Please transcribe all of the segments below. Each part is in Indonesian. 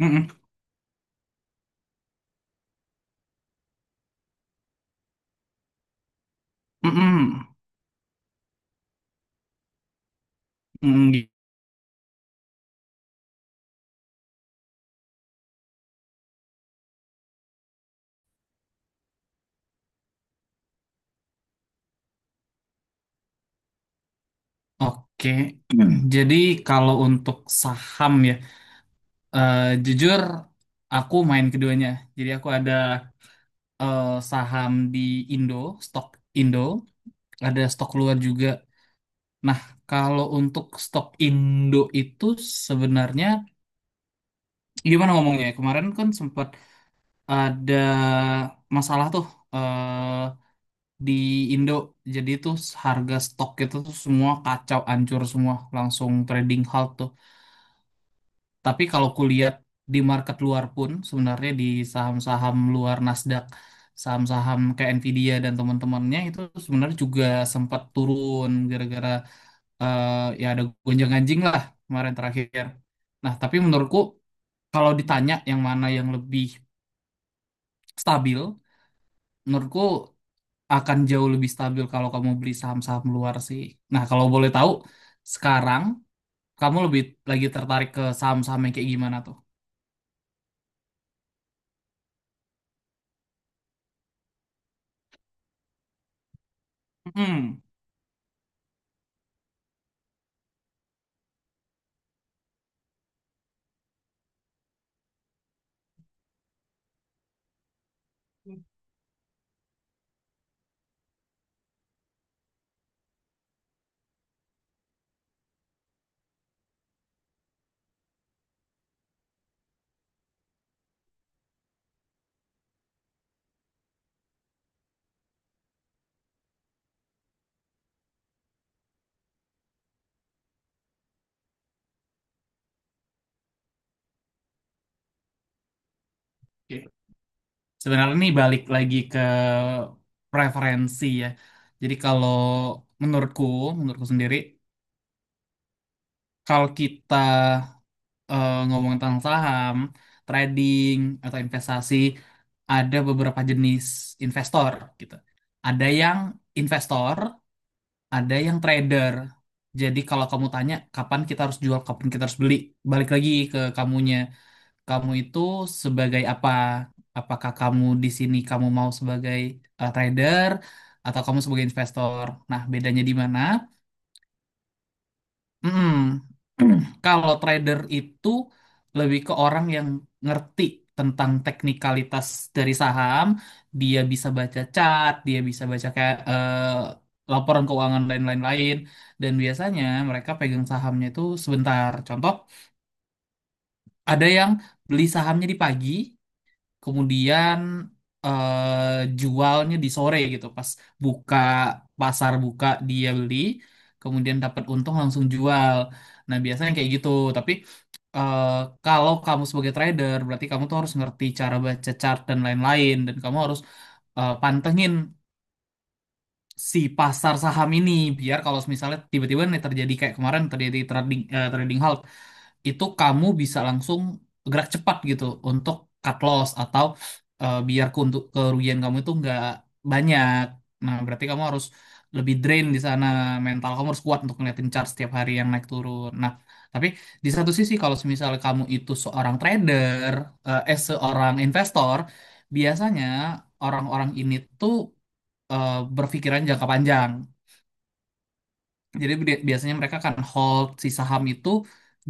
Mm-mm, mm-mm, mm, gi- oke. Hmm. Jadi kalau untuk saham ya, jujur aku main keduanya. Jadi aku ada saham di Indo, stok Indo, ada stok luar juga. Nah, kalau untuk stok Indo itu sebenarnya gimana ngomongnya, ya? Kemarin kan sempat ada masalah tuh, eh, di Indo. Jadi tuh harga stok itu tuh semua kacau, hancur semua, langsung trading halt tuh. Tapi kalau kulihat di market luar pun sebenarnya, di saham-saham luar Nasdaq, saham-saham kayak Nvidia dan teman-temannya itu sebenarnya juga sempat turun gara-gara, eh, ya ada gonjang-ganjing lah kemarin terakhir. Nah, tapi menurutku kalau ditanya yang mana yang lebih stabil, menurutku akan jauh lebih stabil kalau kamu beli saham-saham luar sih. Nah, kalau boleh tahu, sekarang kamu lebih lagi tertarik ke saham-saham yang kayak gimana tuh? Hmm. Oke. Sebenarnya ini balik lagi ke preferensi ya. Jadi kalau menurutku, menurutku sendiri, kalau kita ngomong tentang saham, trading atau investasi, ada beberapa jenis investor gitu. Ada yang investor, ada yang trader. Jadi kalau kamu tanya kapan kita harus jual, kapan kita harus beli, balik lagi ke kamunya. Kamu itu sebagai apa? Apakah kamu di sini kamu mau sebagai trader atau kamu sebagai investor? Nah, bedanya di mana? Mm-mm. Kalau trader itu lebih ke orang yang ngerti tentang teknikalitas dari saham, dia bisa baca chart, dia bisa baca kayak laporan keuangan dan lain-lain. Dan biasanya mereka pegang sahamnya itu sebentar. Contoh, ada yang beli sahamnya di pagi, kemudian jualnya di sore gitu, pas buka, pasar buka dia beli, kemudian dapat untung langsung jual. Nah biasanya kayak gitu. Tapi eh, kalau kamu sebagai trader berarti kamu tuh harus ngerti cara baca chart dan lain-lain, dan kamu harus pantengin si pasar saham ini, biar kalau misalnya tiba-tiba nih terjadi kayak kemarin terjadi trading trading halt, itu kamu bisa langsung gerak cepat gitu untuk cut loss atau biar untuk kerugian kamu itu nggak banyak. Nah, berarti kamu harus lebih drain di sana, mental kamu harus kuat untuk ngeliatin chart setiap hari yang naik turun. Nah, tapi di satu sisi kalau misalnya kamu itu seorang trader, seorang investor, biasanya orang-orang ini tuh eh, berpikiran jangka panjang. Jadi biasanya mereka kan hold si saham itu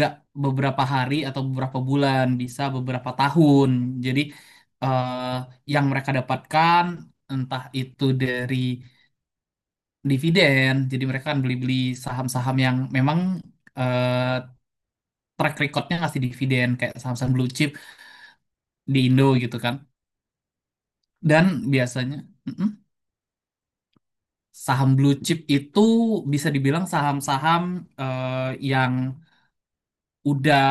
gak beberapa hari atau beberapa bulan, bisa beberapa tahun. Jadi eh, yang mereka dapatkan entah itu dari dividen, jadi mereka kan beli-beli saham-saham yang memang eh, track recordnya ngasih dividen kayak saham-saham blue chip di Indo gitu kan. Dan biasanya mm-mm, saham blue chip itu bisa dibilang saham-saham yang udah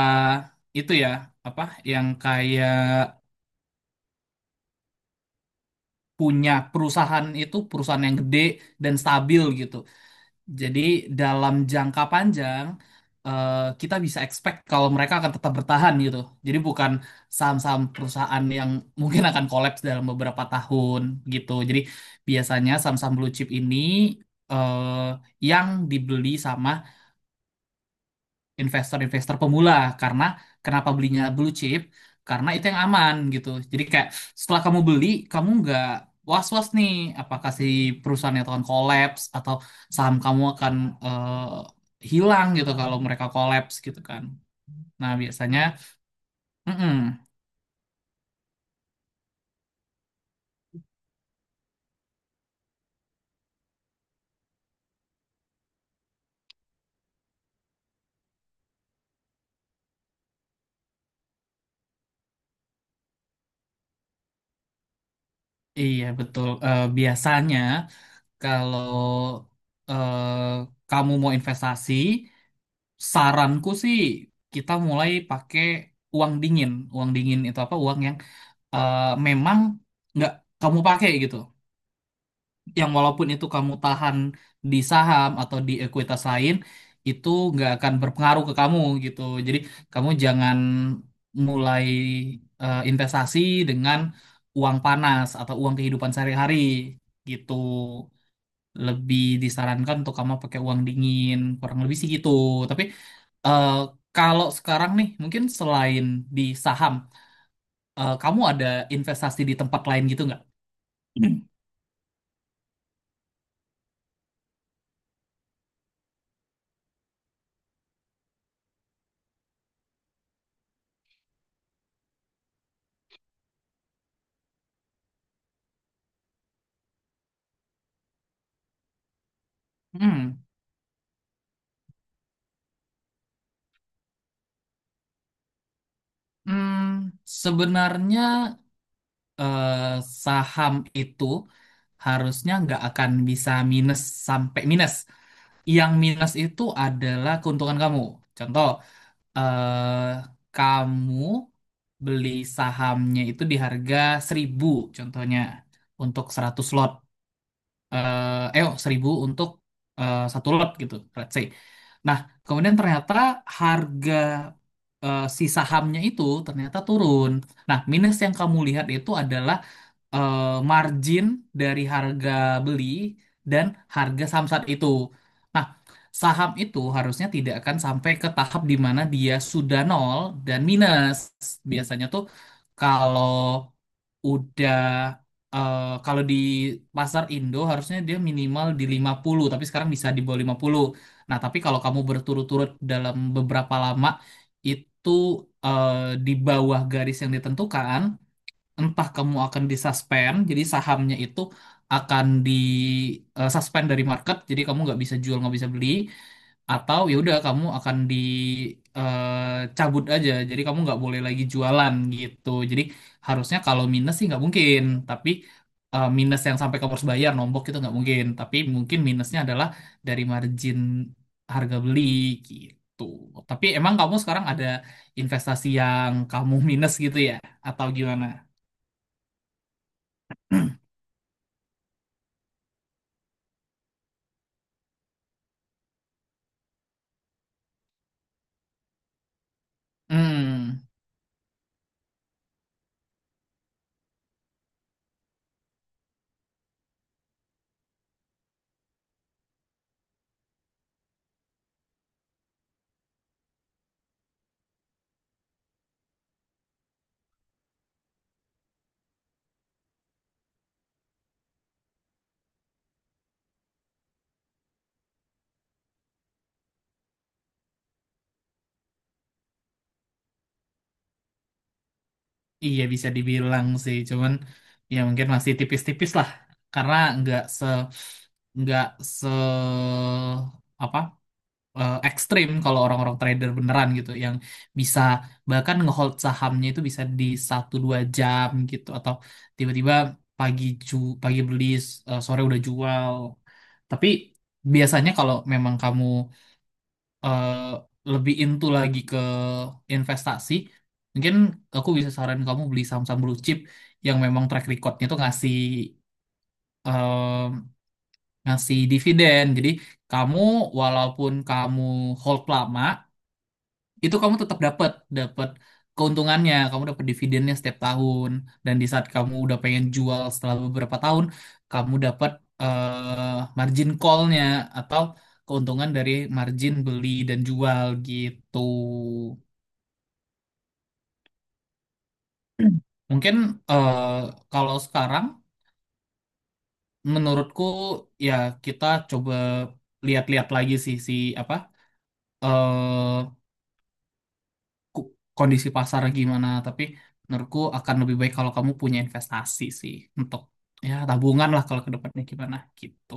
itu ya apa, yang kayak punya perusahaan itu perusahaan yang gede dan stabil gitu. Jadi dalam jangka panjang eh, kita bisa expect kalau mereka akan tetap bertahan gitu. Jadi bukan saham-saham perusahaan yang mungkin akan collapse dalam beberapa tahun gitu. Jadi biasanya saham-saham blue chip ini eh, yang dibeli sama investor-investor pemula. Karena kenapa belinya blue chip, karena itu yang aman gitu. Jadi kayak setelah kamu beli, kamu nggak was-was nih apakah si perusahaannya akan collapse atau saham kamu akan eh, hilang gitu kalau mereka collapse gitu kan. Nah biasanya mm-mm, iya betul. Eh, biasanya kalau eh, kamu mau investasi, saranku sih kita mulai pakai uang dingin. Uang dingin itu apa? Uang yang eh, memang nggak kamu pakai gitu. Yang walaupun itu kamu tahan di saham atau di ekuitas lain, itu nggak akan berpengaruh ke kamu gitu. Jadi kamu jangan mulai investasi dengan uang panas atau uang kehidupan sehari-hari gitu. Lebih disarankan untuk kamu pakai uang dingin, kurang lebih sih gitu. Tapi eh, kalau sekarang nih, mungkin selain di saham, kamu ada investasi di tempat lain gitu nggak? Hmm, hmm, sebenarnya eh, saham itu harusnya nggak akan bisa minus sampai minus. Yang minus itu adalah keuntungan kamu. Contoh, eh, kamu beli sahamnya itu di harga 1000, contohnya untuk 100 lot. Eh, eh oh, untuk satu lot gitu, let's say. Nah, kemudian ternyata harga si sahamnya itu ternyata turun. Nah, minus yang kamu lihat itu adalah eh, margin dari harga beli dan harga saham saat itu. Nah, saham itu harusnya tidak akan sampai ke tahap di mana dia sudah nol dan minus. Biasanya tuh kalau udah kalau di pasar Indo harusnya dia minimal di 50, tapi sekarang bisa di bawah 50. Nah, tapi kalau kamu berturut-turut dalam beberapa lama itu eh, di bawah garis yang ditentukan, entah kamu akan disuspend, jadi sahamnya itu akan di suspend dari market, jadi kamu nggak bisa jual, nggak bisa beli, atau ya udah kamu akan dicabut aja jadi kamu nggak boleh lagi jualan gitu. Jadi harusnya kalau minus sih nggak mungkin. Tapi minus yang sampai kamu harus bayar nombok itu nggak mungkin, tapi mungkin minusnya adalah dari margin harga beli gitu. Tapi emang kamu sekarang ada investasi yang kamu minus gitu ya, atau gimana? Hmm. Iya bisa dibilang sih, cuman ya mungkin masih tipis-tipis lah karena nggak se apa ekstrim kalau orang-orang trader beneran gitu, yang bisa bahkan ngehold sahamnya itu bisa di satu dua jam gitu, atau tiba-tiba pagi ju pagi beli sore udah jual. Tapi biasanya kalau memang kamu eh, lebih into lagi ke investasi, mungkin aku bisa saranin kamu beli saham-saham blue chip yang memang track recordnya tuh ngasih em, ngasih dividen. Jadi kamu walaupun kamu hold lama, itu kamu tetap dapat dapat keuntungannya, kamu dapat dividennya setiap tahun. Dan di saat kamu udah pengen jual setelah beberapa tahun, kamu dapat margin call-nya atau keuntungan dari margin beli dan jual gitu. Hmm. Mungkin eh, kalau sekarang menurutku ya kita coba lihat-lihat lagi sih si apa, eh, ku- kondisi pasar gimana, tapi menurutku akan lebih baik kalau kamu punya investasi sih, untuk ya tabungan lah kalau ke depannya gimana gitu.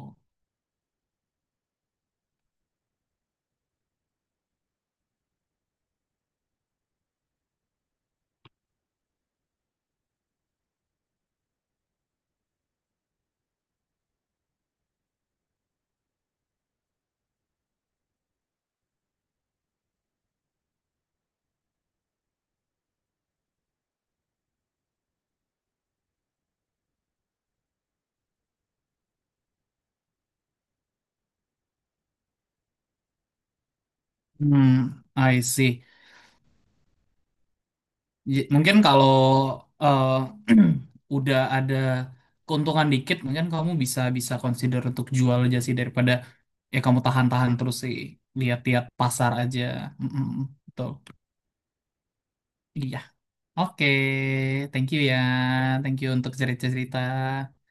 Hmm, I see. Mungkin kalau eh, udah ada keuntungan dikit, mungkin kamu bisa bisa consider untuk jual aja sih daripada ya kamu tahan-tahan terus sih, lihat-lihat pasar aja. Mm-mm, betul. Iya. Oke, thank you ya. Thank you untuk cerita-cerita.